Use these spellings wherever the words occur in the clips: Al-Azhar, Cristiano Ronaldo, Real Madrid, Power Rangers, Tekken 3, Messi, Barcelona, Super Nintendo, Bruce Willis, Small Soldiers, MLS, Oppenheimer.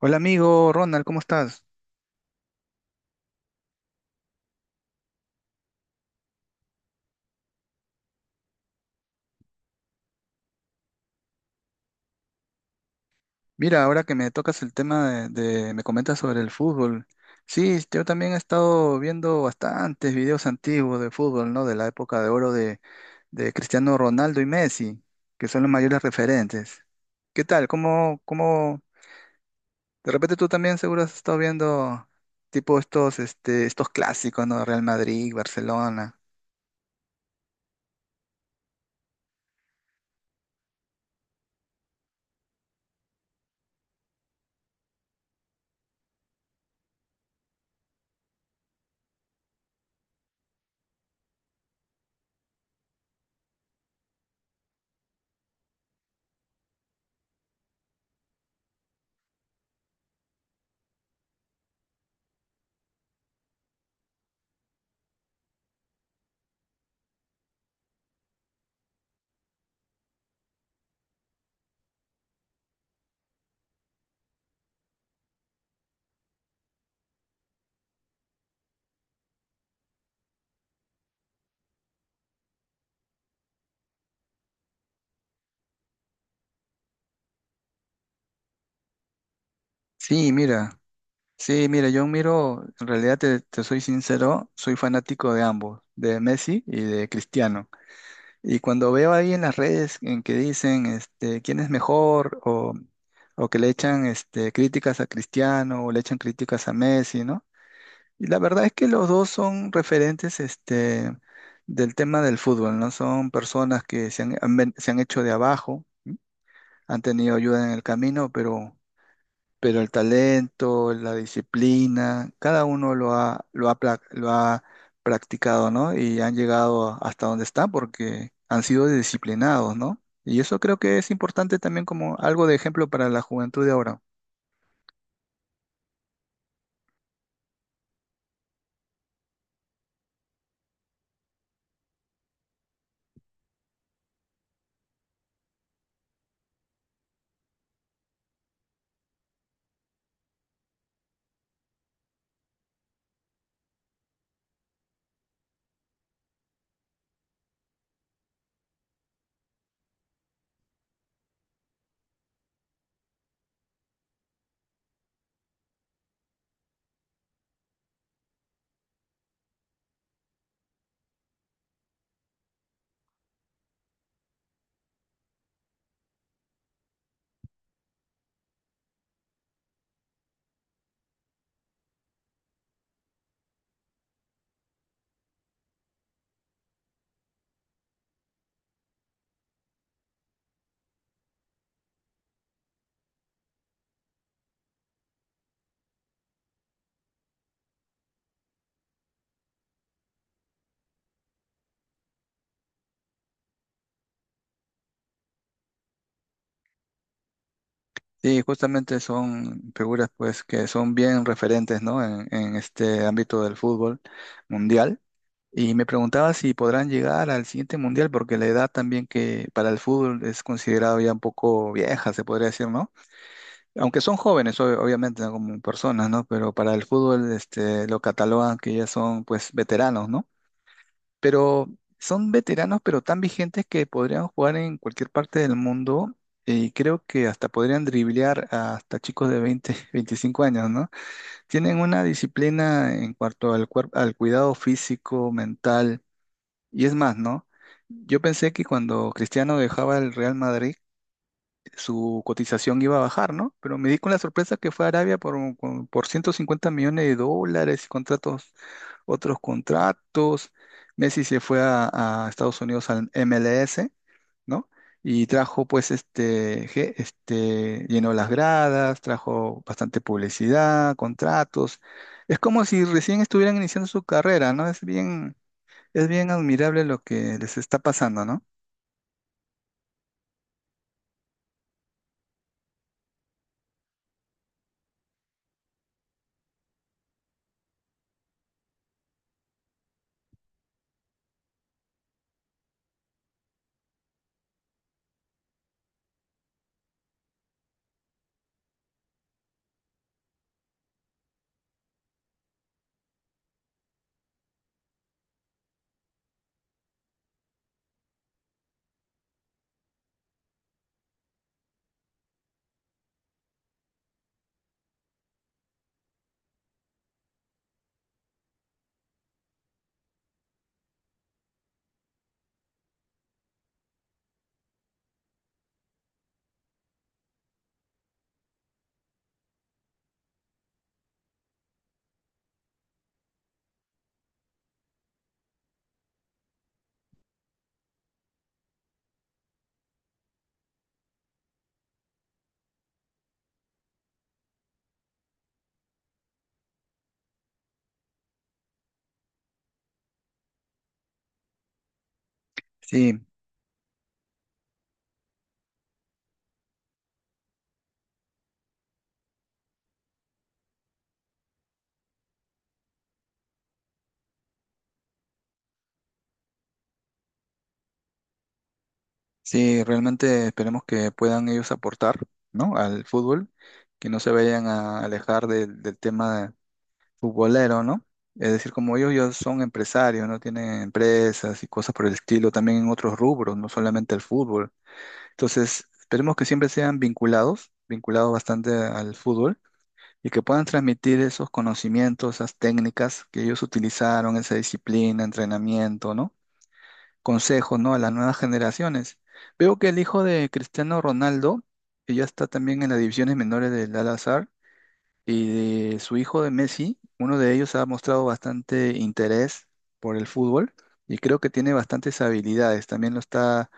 Hola amigo Ronald, ¿cómo estás? Mira, ahora que me tocas el tema me comentas sobre el fútbol. Sí, yo también he estado viendo bastantes videos antiguos de fútbol, ¿no? De la época de oro de Cristiano Ronaldo y Messi, que son los mayores referentes. ¿Qué tal? ¿Cómo, cómo? De repente tú también seguro has estado viendo tipo estos clásicos, ¿no? Real Madrid, Barcelona. Sí, mira. Sí, mira, yo miro, en realidad te soy sincero, soy fanático de ambos, de Messi y de Cristiano. Y cuando veo ahí en las redes en que dicen este, quién es mejor o que le echan este, críticas a Cristiano o le echan críticas a Messi, ¿no? Y la verdad es que los dos son referentes este, del tema del fútbol, ¿no? Son personas que se han, se han hecho de abajo, han tenido ayuda en el camino, pero el talento, la disciplina, cada uno lo ha practicado, ¿no? Y hasta donde están porque han sido disciplinados, ¿no? Y eso creo que es importante también como algo de ejemplo para la juventud de ahora. Sí, justamente son figuras pues que son bien referentes, ¿no? En este ámbito del fútbol mundial. Y me preguntaba si podrán llegar al siguiente mundial, porque la edad también que para el fútbol es considerado ya un poco vieja, se podría decir, ¿no? Aunque son jóvenes, obviamente, ¿no? Como personas, ¿no? Pero para el fútbol, este, lo catalogan que ya son, pues, veteranos, ¿no? Pero son veteranos, pero tan vigentes que podrían jugar en cualquier parte del mundo y creo que hasta podrían driblear a hasta chicos de 20, 25 años, ¿no? Tienen una disciplina en cuanto al cuerpo, al cuidado físico, mental y es más, ¿no? Yo pensé que cuando Cristiano dejaba el Real Madrid, su cotización iba a bajar, ¿no? Pero me di con la sorpresa que fue a Arabia por 150 millones de dólares y contratos, otros contratos. Messi se fue a Estados Unidos al MLS, ¿no? Y trajo, pues, llenó las gradas, trajo bastante publicidad, contratos. Es como si recién estuvieran iniciando su carrera, ¿no? Es bien admirable lo que les está pasando, ¿no? Sí. Sí, realmente esperemos que puedan ellos aportar, ¿no? Al fútbol, que no se vayan a alejar del tema futbolero, ¿no? Es decir, como ellos ya son empresarios, ¿no? Tienen empresas y cosas por el estilo, también en otros rubros, no solamente el fútbol. Entonces, esperemos que siempre sean vinculados, vinculados bastante al fútbol, y que puedan transmitir esos conocimientos, esas técnicas que ellos utilizaron, esa disciplina, entrenamiento, ¿no? Consejos, ¿no? A las nuevas generaciones. Veo que el hijo de Cristiano Ronaldo, que ya está también en las divisiones menores del Al-Azhar, y de su hijo de Messi, uno de ellos ha mostrado bastante interés por el fútbol y creo que tiene bastantes habilidades. También lo está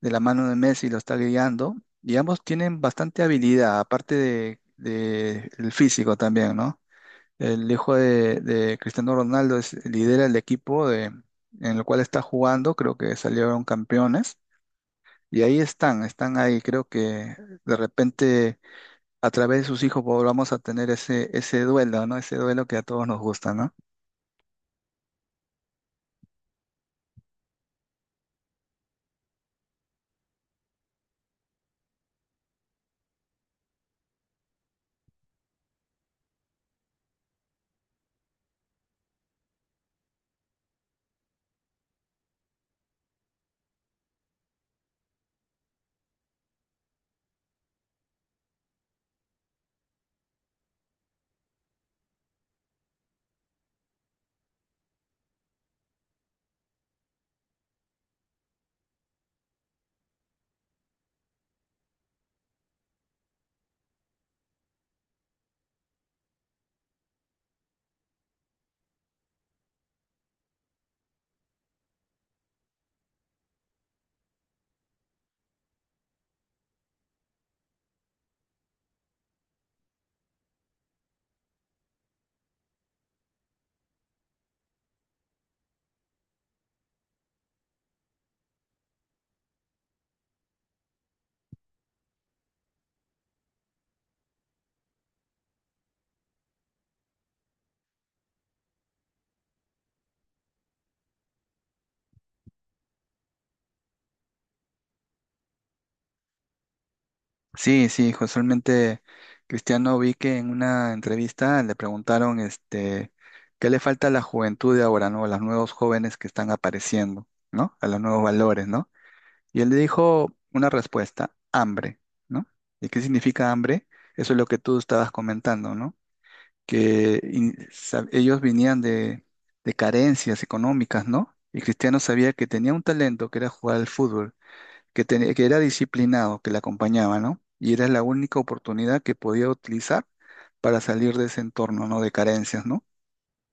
de la mano de Messi, lo está guiando y ambos tienen bastante habilidad, aparte de el físico también, ¿no? El hijo de Cristiano Ronaldo es, lidera el equipo de, en el cual está jugando, creo que salieron campeones. Y ahí están, están ahí. Creo que de repente a través de sus hijos volvamos a tener ese duelo, ¿no? Ese duelo que a todos nos gusta, ¿no? Sí, sí, casualmente Cristiano vi que en una entrevista le preguntaron este, qué le falta a la juventud de ahora, ¿no? A los nuevos jóvenes que están apareciendo, ¿no? A los nuevos valores, ¿no? Y él le dijo una respuesta, hambre, ¿no? ¿Y qué significa hambre? Eso es lo que tú estabas comentando, ¿no? Ellos venían de carencias económicas, ¿no? Y Cristiano sabía que tenía un talento, que era jugar al fútbol, que era disciplinado, que le acompañaba, ¿no? Y era la única oportunidad que podía utilizar para salir de ese entorno, ¿no? De carencias, ¿no?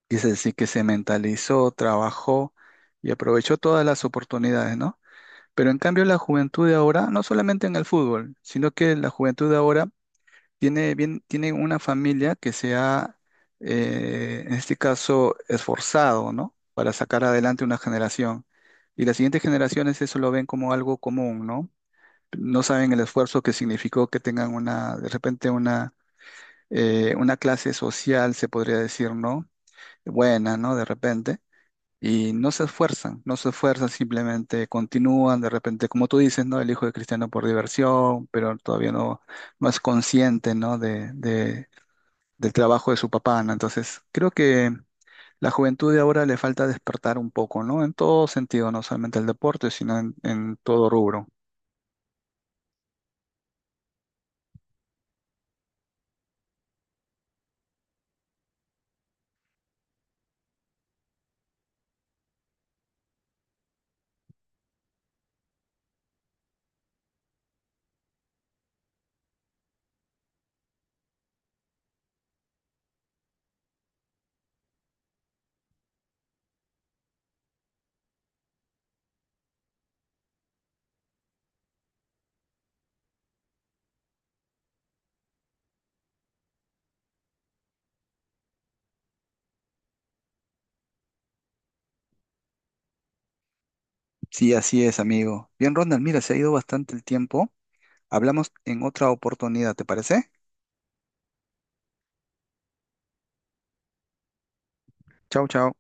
Y es decir, que se mentalizó, trabajó y aprovechó todas las oportunidades, ¿no? Pero en cambio la juventud de ahora, no solamente en el fútbol, sino que la juventud de ahora tiene, bien, tiene una familia que se ha, en este caso, esforzado, ¿no? Para sacar adelante una generación. Y las siguientes generaciones eso lo ven como algo común, ¿no? No saben el esfuerzo que significó que tengan una, de repente, una clase social, se podría decir, ¿no? Buena, ¿no? De repente. Y no se esfuerzan, no se esfuerzan, simplemente continúan, de repente, como tú dices, ¿no? El hijo de Cristiano por diversión, pero todavía no, no es consciente, ¿no? Del trabajo de su papá, ¿no? Entonces, creo que la juventud de ahora le falta despertar un poco, ¿no? En todo sentido, no solamente el deporte, sino en todo rubro. Sí, así es, amigo. Bien, Ronald, mira, se ha ido bastante el tiempo. Hablamos en otra oportunidad, ¿te parece? Chau, chau.